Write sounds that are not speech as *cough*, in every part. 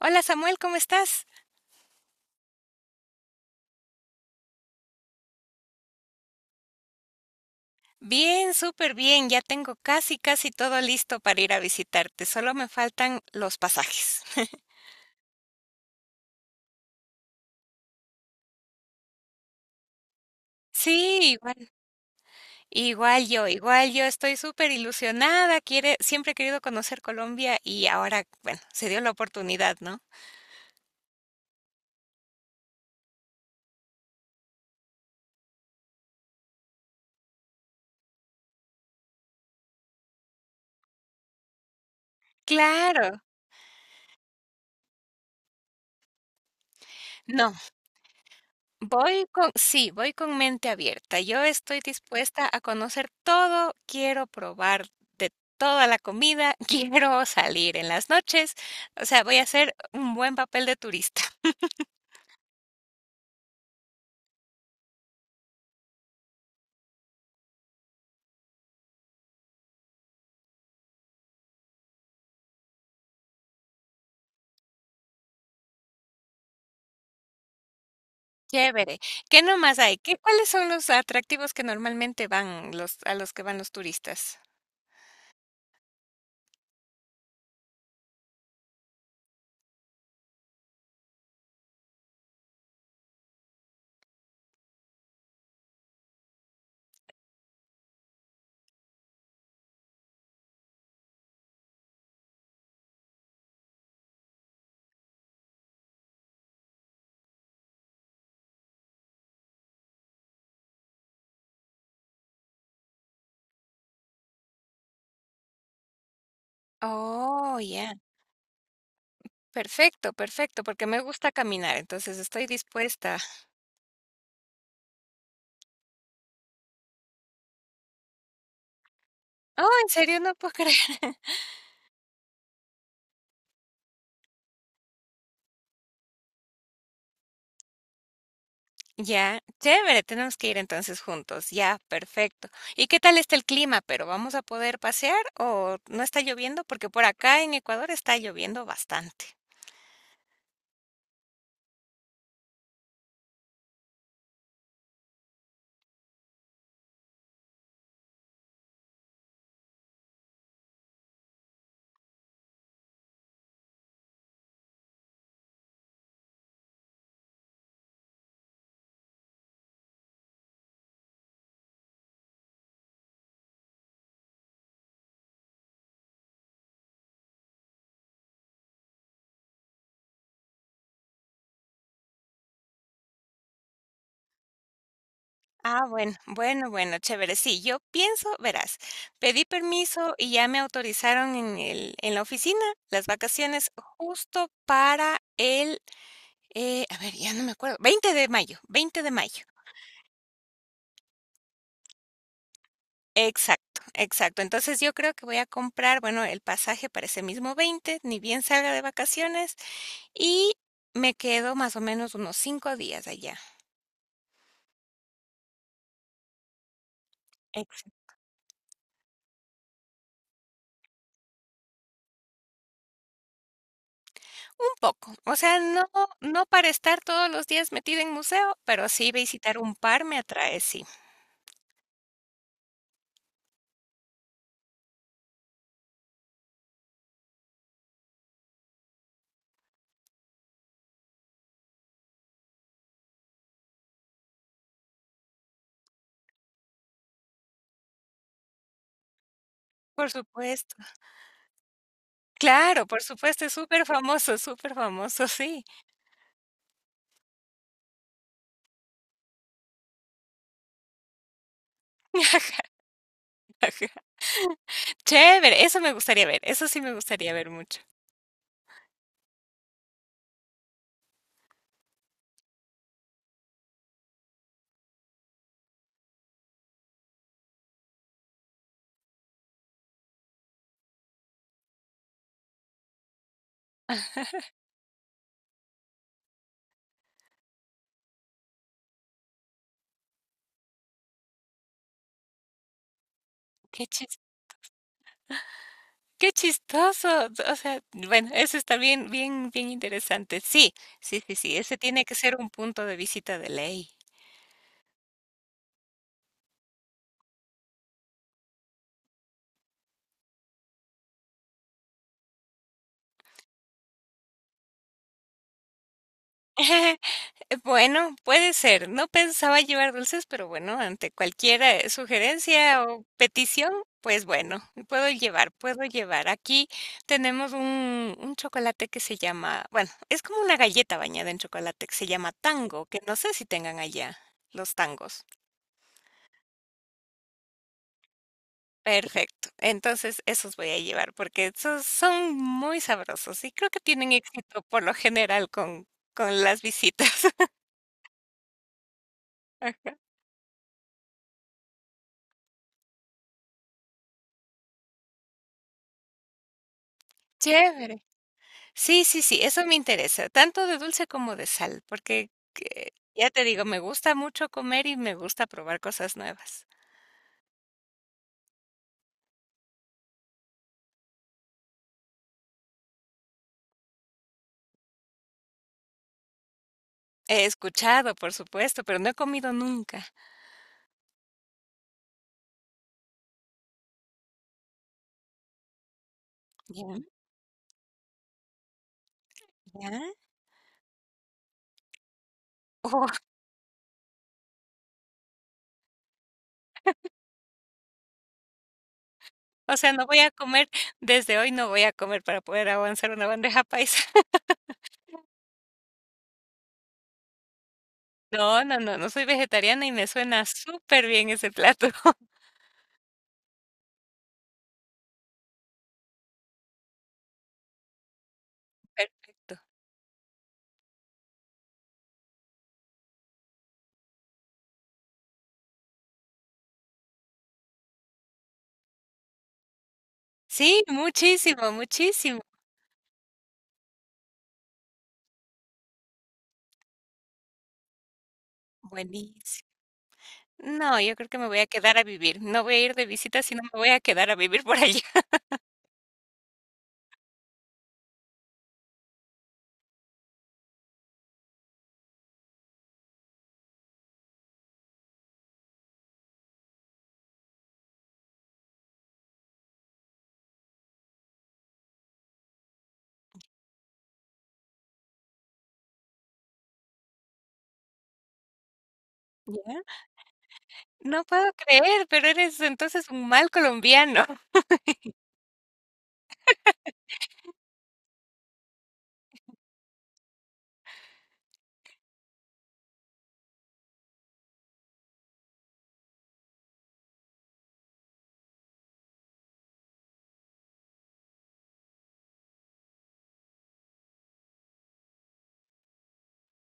Hola Samuel, ¿cómo estás? Bien, súper bien. Ya tengo casi, casi todo listo para ir a visitarte. Solo me faltan los pasajes. Sí, igual, igual yo estoy súper ilusionada. Quiere, siempre he querido conocer Colombia y ahora, bueno, se dio la oportunidad, ¿no? Claro. No. Voy con mente abierta. Yo estoy dispuesta a conocer todo, quiero probar de toda la comida, *laughs* quiero salir en las noches, o sea, voy a hacer un buen papel de turista. *laughs* Chévere. ¿Qué nomás hay? ¿Qué, cuáles son los atractivos que normalmente van los a los que van los turistas? Oh, ya. Perfecto, perfecto, porque me gusta caminar, entonces estoy dispuesta. Oh, en serio, no puedo *laughs* creer. Ya, chévere, tenemos que ir entonces juntos, ya, perfecto. ¿Y qué tal está el clima? ¿Pero vamos a poder pasear o no está lloviendo? Porque por acá en Ecuador está lloviendo bastante. Ah, bueno, bueno, bueno, chévere. Sí, yo pienso, verás, pedí permiso y ya me autorizaron en la oficina las vacaciones justo para a ver, ya no me acuerdo, 20 de mayo, 20 de mayo. Exacto, exacto. Entonces, yo creo que voy a comprar, bueno, el pasaje para ese mismo 20 ni bien salga de vacaciones, y me quedo más o menos unos 5 días allá. Exacto. Un poco. O sea, no para estar todos los días metida en museo, pero sí visitar un par me atrae, sí. Por supuesto. Claro, por supuesto, es súper famoso, superfamoso, famoso, sí. *laughs* Chévere, eso me gustaría ver, eso sí me gustaría ver mucho. Qué Qué chistoso. O sea, bueno, eso está bien, bien, bien interesante. Sí, sí, sí, sí. Ese tiene que ser un punto de visita de ley. *laughs* Bueno, puede ser. No pensaba llevar dulces, pero bueno, ante cualquier sugerencia o petición, pues bueno, puedo llevar, puedo llevar. Aquí tenemos un chocolate que se llama, bueno, es como una galleta bañada en chocolate que se llama tango, que no sé si tengan allá los tangos. Perfecto. Entonces, esos voy a llevar porque esos son muy sabrosos y creo que tienen éxito por lo general con las visitas. *laughs* Chévere. Sí, sí, sí, eso me interesa, tanto de dulce como de sal, porque que- ya te digo, me gusta mucho comer y me gusta probar cosas nuevas. He escuchado, por supuesto, pero no he comido nunca. Ya, ya. *laughs* Oh, o sea, no voy a comer, desde hoy no voy a comer para poder avanzar una bandeja paisa. No, no, no, no soy vegetariana y me suena súper bien ese plato. *laughs* Perfecto. Sí, muchísimo, muchísimo. Buenísimo. No, yo creo que me voy a quedar a vivir. No voy a ir de visita, sino me voy a quedar a vivir por allá. *laughs* ¿Ya? No puedo creer, pero eres entonces un mal colombiano. *laughs*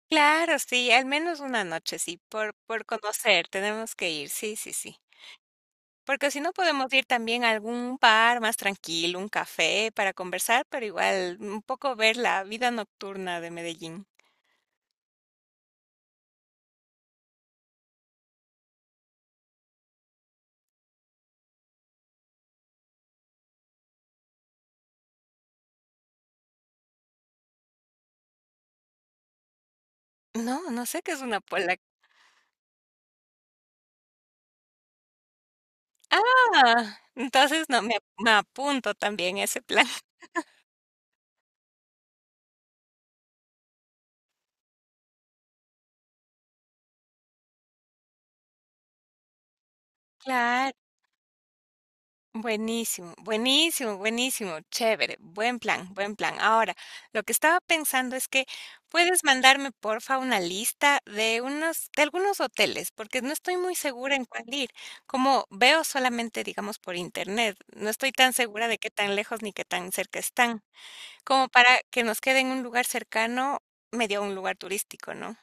Claro, sí, al menos una noche, sí, por conocer, tenemos que ir. Sí, sí, sí. Porque si no podemos ir también a algún bar más tranquilo, un café para conversar, pero igual un poco ver la vida nocturna de Medellín. No, no sé qué es una polaca. Ah, entonces no, me apunto también a ese plan. *laughs* Claro. Buenísimo, buenísimo, buenísimo, chévere, buen plan, buen plan. Ahora, lo que estaba pensando es que puedes mandarme porfa una lista de unos, de algunos hoteles, porque no estoy muy segura en cuál ir. Como veo solamente, digamos, por internet, no estoy tan segura de qué tan lejos ni qué tan cerca están, como para que nos quede en un lugar cercano, medio un lugar turístico, ¿no?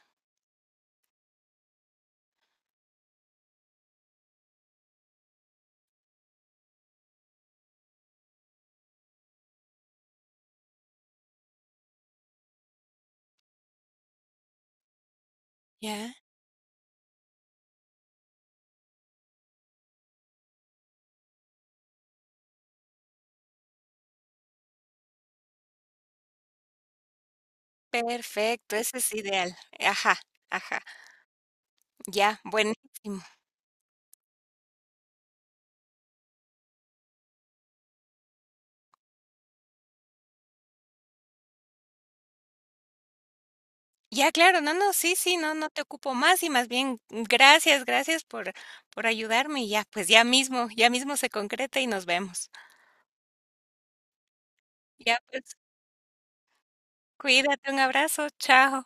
Ya, perfecto, ese es ideal. Ajá, ajá, ya, buenísimo. Ya, claro, no, no, sí, sí, no, no te ocupo más y más bien gracias, gracias por ayudarme y ya, pues ya mismo se concreta y nos vemos. Ya, pues cuídate, un abrazo, chao.